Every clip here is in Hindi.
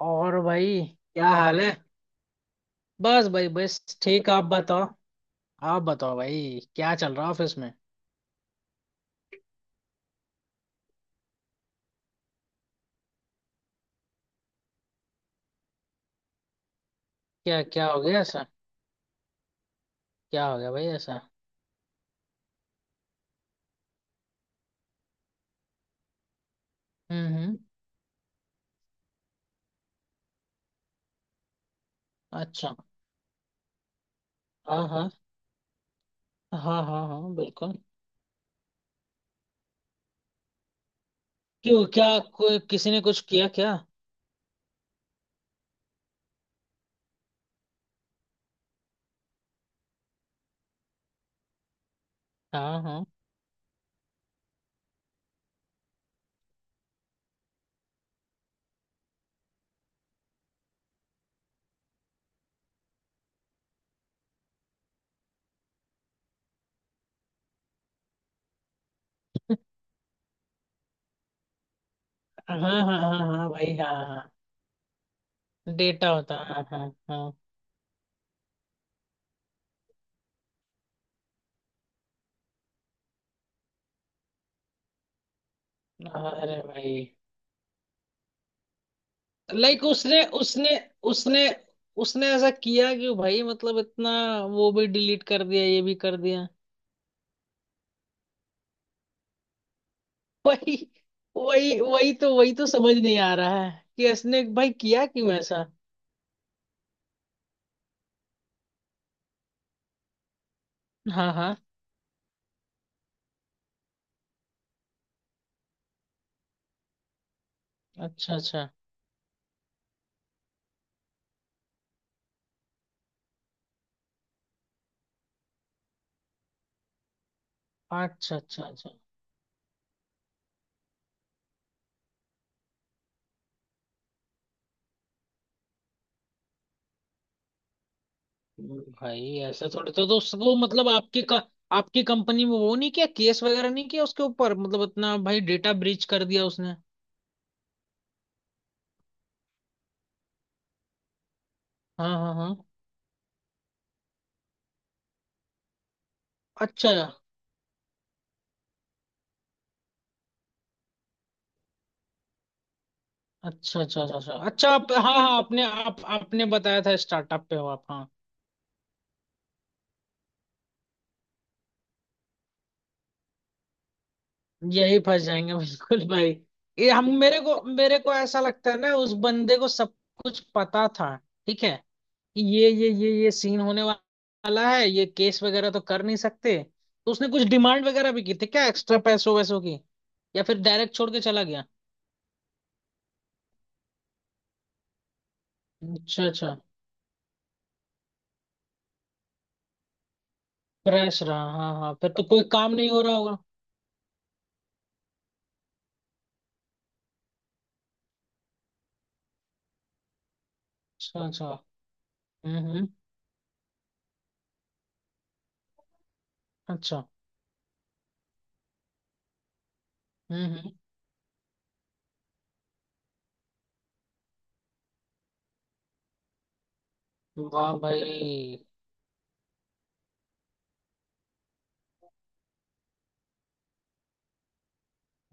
और भाई क्या हाल है। बस भाई बस ठीक। आप बताओ। आप बताओ भाई क्या चल रहा ऑफिस में। क्या क्या हो गया ऐसा। क्या हो गया भाई ऐसा। हम्म। अच्छा। हाँ हाँ हाँ हाँ हाँ बिल्कुल। क्यों क्या? कोई किसी ने कुछ किया क्या? हाँ हाँ हाँ हाँ हाँ हाँ भाई, हाँ हाँ डेटा होता, हाँ हाँ हाँ। अरे भाई, लाइक उसने उसने उसने उसने ऐसा किया क्यों भाई, मतलब इतना। वो भी डिलीट कर दिया, ये भी कर दिया। वही वही वही तो समझ नहीं आ रहा है कि इसने भाई किया क्यों ऐसा। हाँ हाँ। अच्छा अच्छा अच्छा अच्छा अच्छा। भाई, ऐसा थोड़ी। तो उसको मतलब आपकी आपकी कंपनी में वो नहीं किया, केस वगैरह नहीं किया उसके ऊपर, मतलब इतना भाई, डेटा ब्रीच कर दिया उसने। हाँ हाँ हाँ। अच्छा अच्छा अच्छा अच्छा अच्छा अच्छा। आप, हाँ हाँ। आपने बताया था स्टार्टअप पे हो आप, हाँ। यही फंस जाएंगे बिल्कुल भाई। ये हम, मेरे को ऐसा लगता है ना, उस बंदे को सब कुछ पता था, ठीक है, कि ये सीन होने वाला है। ये केस वगैरह तो कर नहीं सकते, तो उसने कुछ डिमांड वगैरह भी की थी क्या, एक्स्ट्रा पैसों वैसों की, या फिर डायरेक्ट छोड़ के चला गया। अच्छा अच्छा। क्रैश रहा, हाँ हाँ, फिर तो कोई काम नहीं हो रहा होगा। अच्छा अच्छा। हम्म। अच्छा। हम्म। वाह भाई।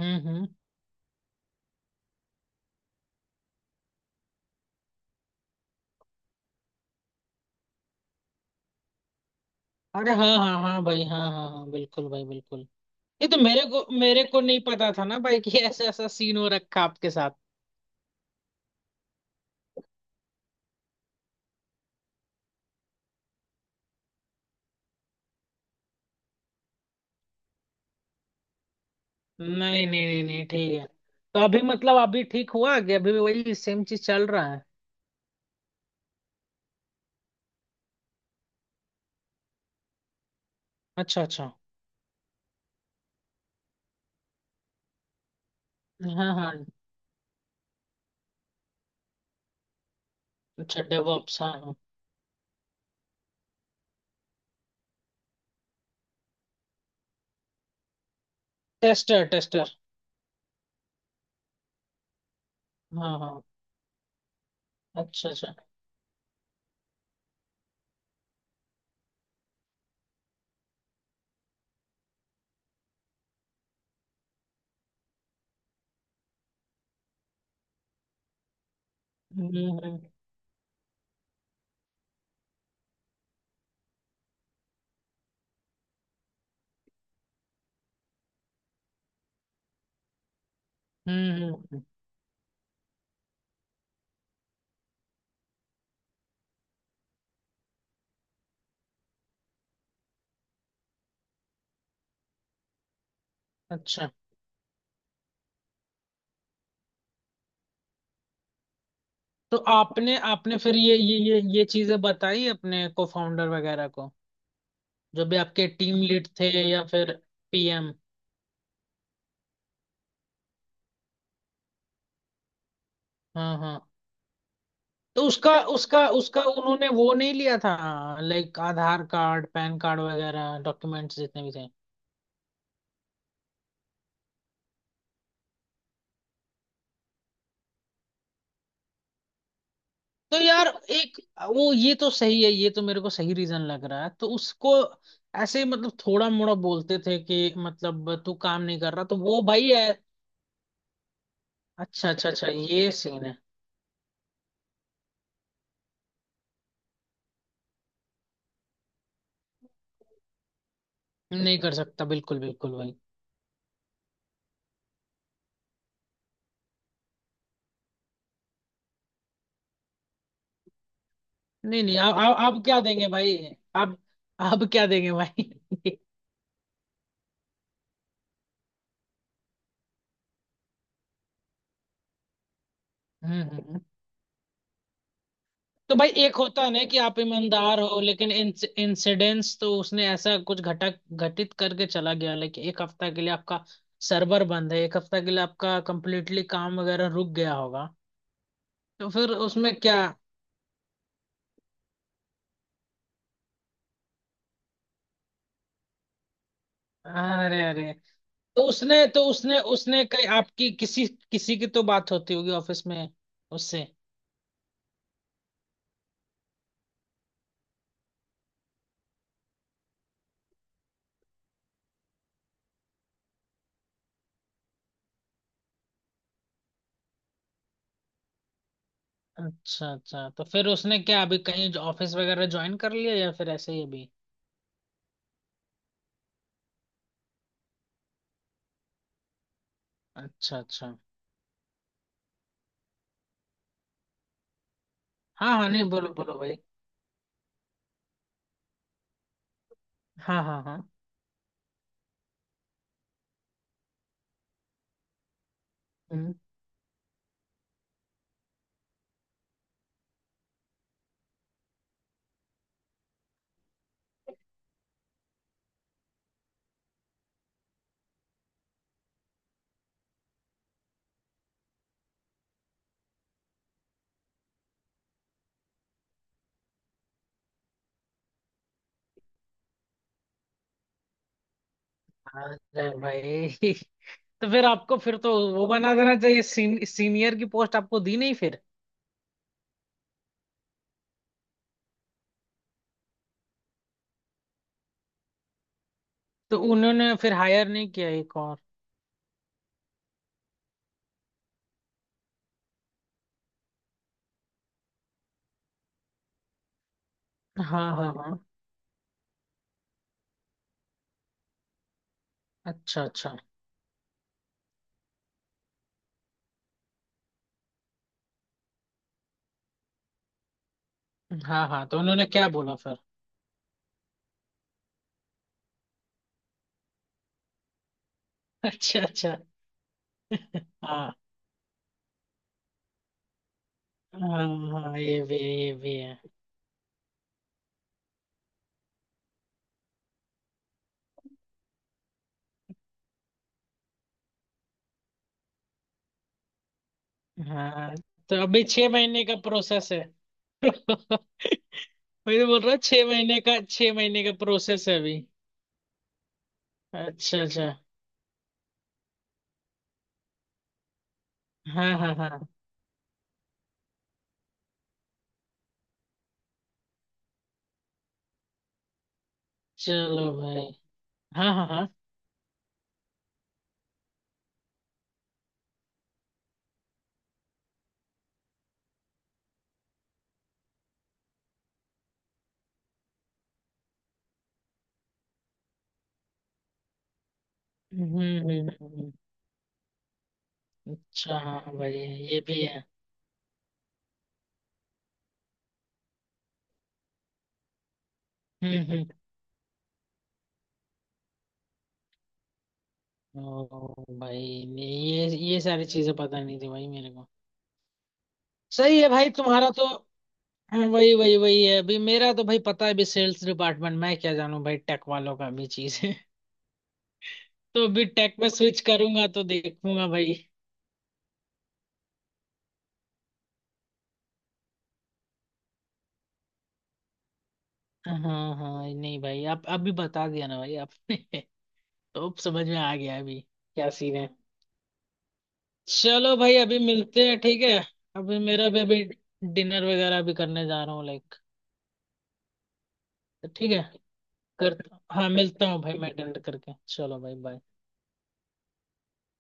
हम्म। अरे हाँ हाँ हाँ भाई, हाँ हाँ हाँ, बिल्कुल भाई बिल्कुल। ये तो मेरे को नहीं पता था ना भाई कि ऐसा ऐसा सीन हो रखा आपके साथ। नहीं नहीं नहीं नहीं, ठीक है। तो अभी मतलब, अभी ठीक हुआ कि अभी भी वही सेम चीज चल रहा है। अच्छा अच्छा। हाँ हाँ। अच्छा, डेवऑप्स। हाँ हाँ। Tester tester. हाँ हाँ। अच्छा अच्छा। हम्म हम्म हम्म हम्म, हम्म। अच्छा। तो आपने आपने फिर ये चीजें बताई अपने को, फाउंडर वगैरह को, जो भी आपके टीम लीड थे या फिर पीएम। हाँ हाँ। तो उसका उसका उसका उन्होंने वो नहीं लिया था like, Aadhaar card, PAN card वगैरह डॉक्यूमेंट्स जितने भी थे। तो यार एक वो, ये तो सही है, ये तो मेरे को सही रीजन लग रहा है। तो उसको ऐसे ही मतलब, थोड़ा मोड़ा बोलते थे कि मतलब तू काम नहीं कर रहा, तो वो भाई है। अच्छा अच्छा अच्छा, ये सीन है। नहीं कर सकता, बिल्कुल बिल्कुल भाई। नहीं नहीं, आप क्या देंगे भाई। आप आप क्या देंगे भाई। हम्म। तो भाई, एक होता है ना कि आप ईमानदार हो, लेकिन इंसिडेंस तो उसने ऐसा कुछ घटक घटित करके चला गया, लेकिन एक हफ्ता के लिए आपका सर्वर बंद है, एक हफ्ता के लिए आपका कंप्लीटली काम वगैरह रुक गया होगा, तो फिर उसमें क्या। अरे अरे। तो उसने उसने कई आपकी किसी, किसी की तो बात होती होगी ऑफिस में उससे। अच्छा अच्छा। तो फिर उसने क्या, अभी कहीं ऑफिस वगैरह ज्वाइन कर लिया या फिर ऐसे ही अभी। अच्छा अच्छा। हाँ हाँ। नहीं, बोलो बोलो भाई। हाँ हाँ हाँ, अरे भाई। तो फिर आपको फिर तो वो बना देना चाहिए, सीनियर की पोस्ट, आपको दी नहीं फिर। तो उन्होंने फिर हायर नहीं किया एक और। हाँ हाँ हाँ। अच्छा अच्छा। हाँ हाँ। तो उन्होंने क्या बोला फिर। अच्छा अच्छा। हाँ हाँ हाँ, ये भी है ये भी है। हाँ। तो अभी छह महीने का प्रोसेस है। वही तो बोल रहा, छह महीने का प्रोसेस है अभी। अच्छा अच्छा। हाँ हाँ हाँ। चलो भाई। हाँ हाँ हाँ। हम्म हम्म हम्म, अच्छा हाँ भाई, ये भी है। हम्म। हम्म, ओ भाई, मैं ये सारी चीजें पता नहीं थी भाई मेरे को। सही है भाई तुम्हारा तो। हाँ, वही वही वही है अभी मेरा तो भाई, पता है अभी सेल्स डिपार्टमेंट, मैं क्या जानूं भाई, टेक वालों का भी चीज है। तो अभी टेक में स्विच करूंगा तो देखूंगा भाई। हाँ हाँ। नहीं भाई, आप अभी बता दिया ना भाई आपने। तो अब समझ में आ गया अभी क्या सीन है। चलो भाई, अभी मिलते हैं, ठीक है। अभी मेरा भी अभी डिनर वगैरह भी करने जा रहा हूँ लाइक। तो ठीक है, करता हाँ, मिलता हूँ भाई, मैं अटेंड करके, चलो भाई, बाय।